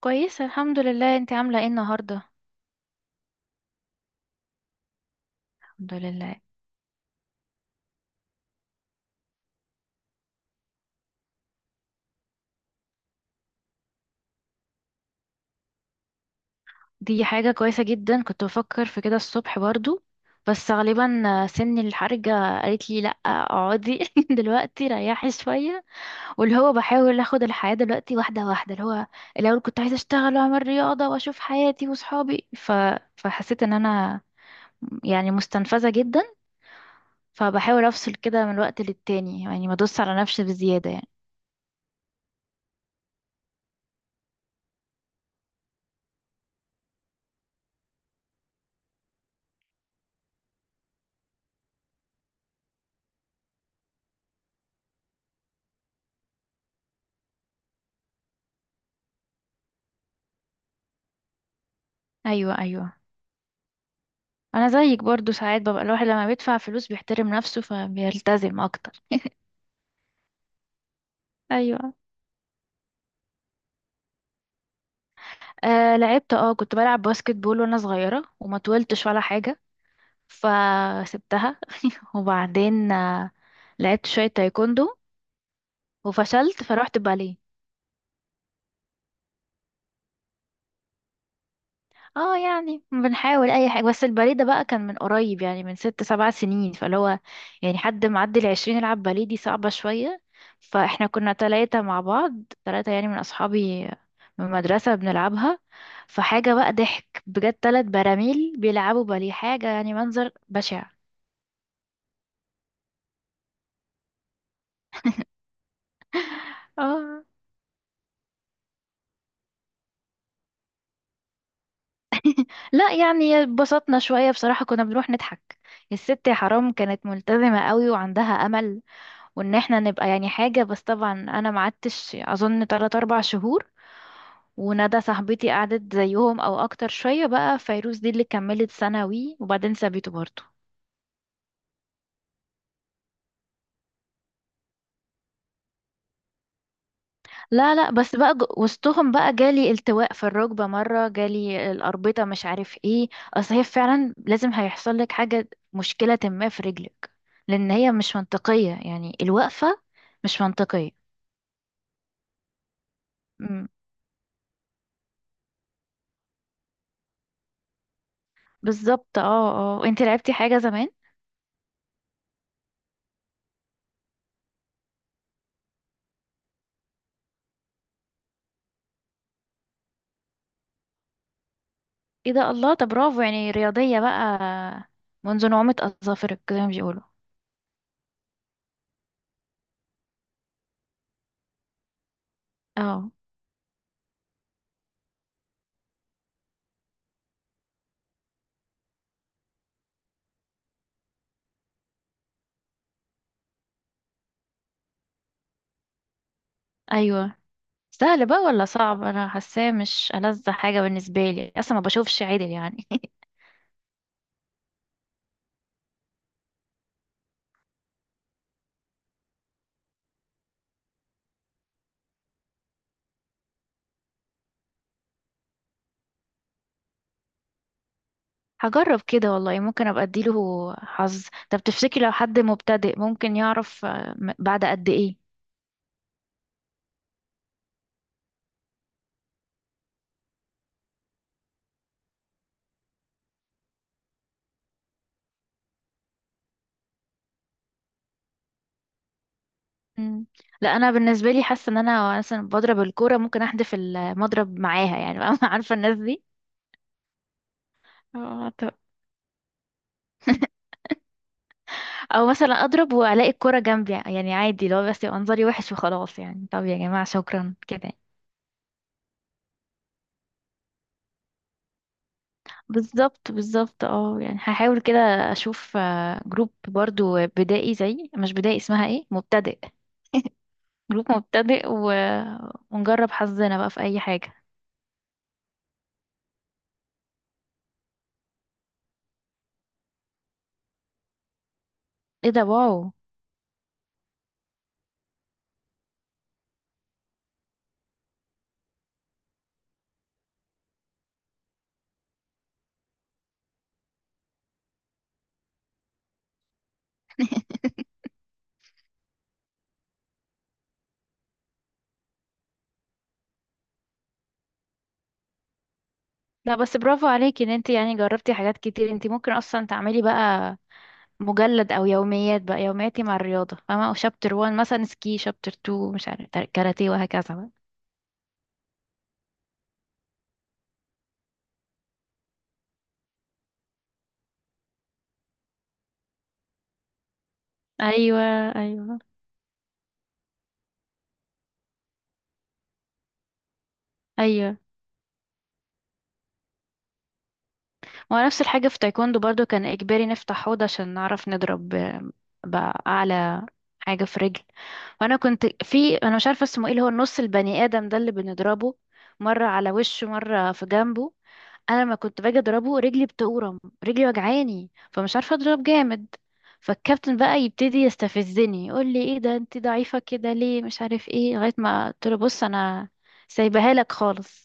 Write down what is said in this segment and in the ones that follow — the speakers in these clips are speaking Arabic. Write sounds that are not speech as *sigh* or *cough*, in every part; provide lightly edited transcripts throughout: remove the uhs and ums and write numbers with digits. كويسة الحمد لله. انت عاملة ايه النهاردة؟ الحمد لله. دي حاجة كويسة جدا، كنت بفكر في كده الصبح برضو، بس غالبا سن الحرجة قالت لي لأ اقعدي *laughs* دلوقتي ريحي شوية، واللي هو بحاول اخد الحياة دلوقتي واحدة واحدة، اللي هو الأول كنت عايزة اشتغل واعمل رياضة واشوف حياتي وصحابي فحسيت ان انا يعني مستنفذة جدا. فبحاول افصل كده من وقت للتاني، يعني ما ادوس على نفسي بزيادة يعني. ايوه، انا زيك برضو، ساعات ببقى الواحد لما بيدفع فلوس بيحترم نفسه فبيلتزم اكتر. ايوه. آه لعبت، اه كنت بلعب باسكت بول وانا صغيرة وما طولتش ولا حاجة فسبتها، وبعدين آه لعبت شوية تايكوندو وفشلت فروحت باليه. اه يعني بنحاول اي حاجة، بس الباليه ده بقى كان من قريب، يعني من ست سبع سنين، فاللي هو يعني حد معدي العشرين يلعب باليه دي صعبة شوية. فاحنا كنا تلاتة مع بعض، تلاتة يعني من اصحابي من المدرسة بنلعبها، فحاجة بقى ضحك بجد، تلات براميل بيلعبوا باليه، حاجة يعني منظر بشع. اه. لا يعني اتبسطنا شوية بصراحة، كنا بنروح نضحك، الست يا حرام كانت ملتزمة قوي وعندها امل وان احنا نبقى يعني حاجة، بس طبعا انا ما قعدتش اظن 3 4 شهور، وندى صاحبتي قعدت زيهم او اكتر شوية، بقى فيروز دي اللي كملت ثانوي وبعدين سابته برضه. لا بس بقى وسطهم بقى جالي التواء في الركبة، مرة جالي الأربطة مش عارف ايه. اصل هي فعلا لازم هيحصل لك حاجة، مشكلة ما في رجلك، لان هي مش منطقية، يعني الوقفة مش منطقية. مم. بالظبط اه. اه انت لعبتي حاجة زمان؟ ايه ده، الله، طب برافو يعني، رياضية بقى منذ نعومة أظافرك زي ما بيقولوا. اه. ايوه. سهل بقى ولا صعب؟ انا حاساه مش ألذ حاجة بالنسبة لي، اصلا ما بشوفش عدل يعني *laughs* هجرب كده والله، ممكن ابقى اديله حظ. طب تفتكري لو حد مبتدئ ممكن يعرف بعد قد ايه؟ مم. لا انا بالنسبة لي حاسة ان انا مثلا بضرب الكورة ممكن احدف المضرب معاها يعني *laughs* عارفة الناس دي؟ اه طب. او مثلا اضرب والاقي الكرة جنبي، يعني عادي لو بس يبقى منظري وحش وخلاص يعني، طب يا جماعة شكرا كده. بالظبط اه، يعني هحاول كده، اشوف جروب برضو بدائي، زي مش بدائي، اسمها ايه، مبتدئ. جروب مبتدئ ونجرب حظنا بقى في اي حاجة. ايه ده، واو. لا بس برافو عليكي ان انت يعني جربتي حاجات كتير، انت ممكن اصلا تعملي بقى مجلد او يوميات، بقى يومياتي مع الرياضة فاهمة، او شابتر 1 مثلا سكي، شابتر 2 مش عارف كاراتيه، وهكذا بقى. ايوه ايوه ايوه. هو نفس الحاجه في تايكوندو برضو، كان اجباري نفتح حوض عشان نعرف نضرب باعلى حاجه في رجل، وانا كنت في، انا مش عارفه اسمه ايه، اللي هو النص البني ادم ده اللي بنضربه مره على وشه مره في جنبه. انا لما كنت باجي اضربه رجلي بتورم، رجلي وجعاني فمش عارفه اضرب جامد. فالكابتن بقى يبتدي يستفزني، يقول لي ايه ده انت ضعيفه كده ليه مش عارف ايه، لغايه ما قلت له بص انا سايبها لك خالص.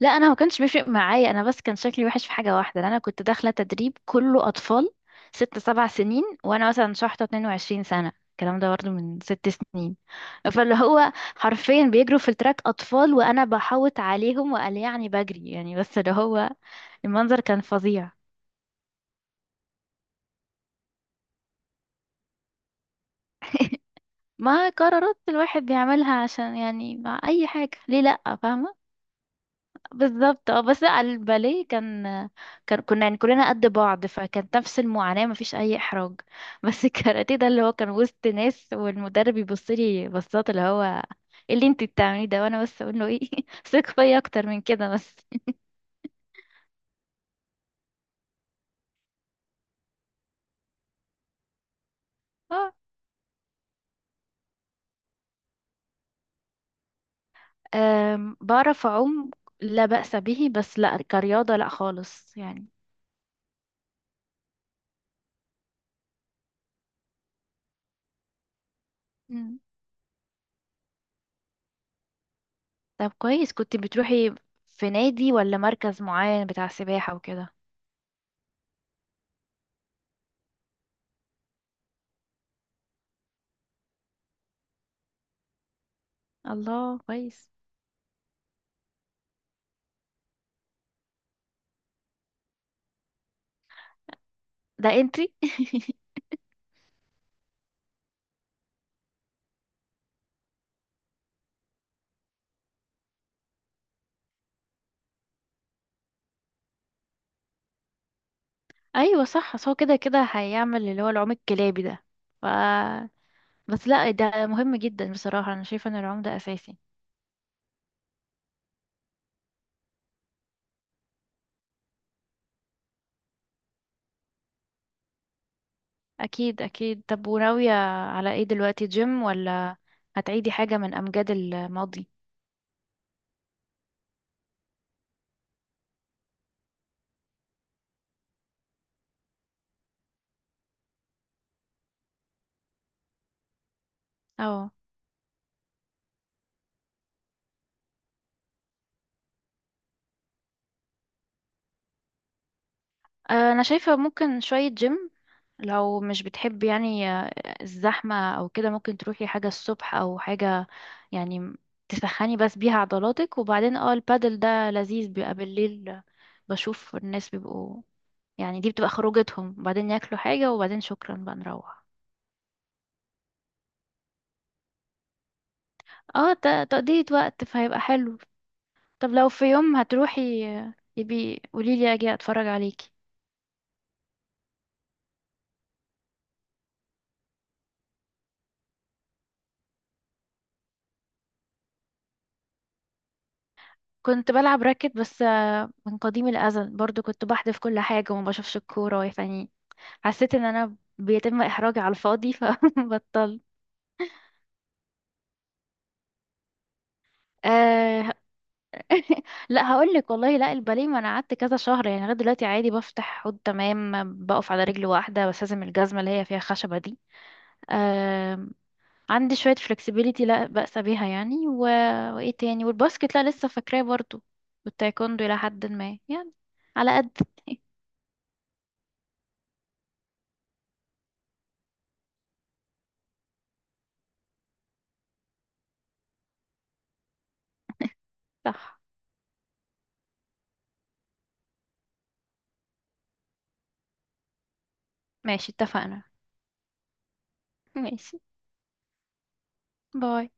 لا انا ما كانش بيفرق معايا انا، بس كان شكلي وحش في حاجه واحده، إن انا كنت داخله تدريب كله اطفال ست سبع سنين، وانا مثلا شحطه 22 سنه، الكلام ده برضه من ست سنين، فاللي هو حرفيا بيجروا في التراك اطفال وانا بحوط عليهم وقال يعني بجري يعني، بس اللي هو المنظر كان فظيع. ما قرارات الواحد بيعملها عشان يعني مع اي حاجه، ليه لا فاهمه؟ بالظبط اه. بس لا الباليه كان كنا يعني كلنا قد بعض، فكانت نفس المعاناة مفيش أي إحراج *laughs* بس الكاراتيه ده اللي هو كان وسط ناس، والمدرب يبص لي بصات، اللي هو إيه اللي انتي بتعمليه ده، وانا بس اقول له ايه *laughs* ثق فيا اكتر من كده بس. *laughs* اه. بعرف اعوم لا بأس به، بس لا كرياضة لا خالص يعني. مم. طب كويس. كنت بتروحي في نادي ولا مركز معين بتاع سباحة وكده؟ الله، كويس. ده انتي. ايوه صح، بس هو كده كده هيعمل اللي هو العوم الكلابي ده، ف، بس لا ده مهم جدا بصراحة، انا شايفة ان العوم ده اساسي. اكيد. طب وناوية على ايه دلوقتي؟ جيم، ولا هتعيدي حاجة من امجاد الماضي؟ اه انا شايفة ممكن شوية جيم، لو مش بتحبي يعني الزحمة او كده، ممكن تروحي حاجة الصبح او حاجة يعني، تسخني بس بيها عضلاتك، وبعدين اه البادل ده لذيذ بيبقى بالليل، بشوف الناس بيبقوا يعني دي بتبقى خروجتهم، وبعدين ياكلوا حاجة وبعدين شكرا بقى نروح. اه تقضية وقت، فهيبقى حلو. طب لو في يوم هتروحي يبي قوليلي اجي اتفرج عليكي. كنت بلعب راكت بس من قديم الأزل برضو كنت بحذف كل حاجة وما بشوفش الكورة يعني، حسيت ان انا بيتم احراجي على الفاضي *laughs* فبطلت. آه. *laughs* لا هقول لك والله، لا الباليه، ما انا قعدت كذا شهر يعني، لغايه دلوقتي عادي بفتح حوض تمام، بقف على رجل واحده بس لازم الجزمه اللي هي فيها خشبه دي آه، عندي شوية flexibility لا بأس بيها يعني، وايه تاني، والباسكت لا لسه فاكراه برضو، والتايكوندو إلى حد ما يعني، على قد. صح. ماشي، اتفقنا. ماشي. باي.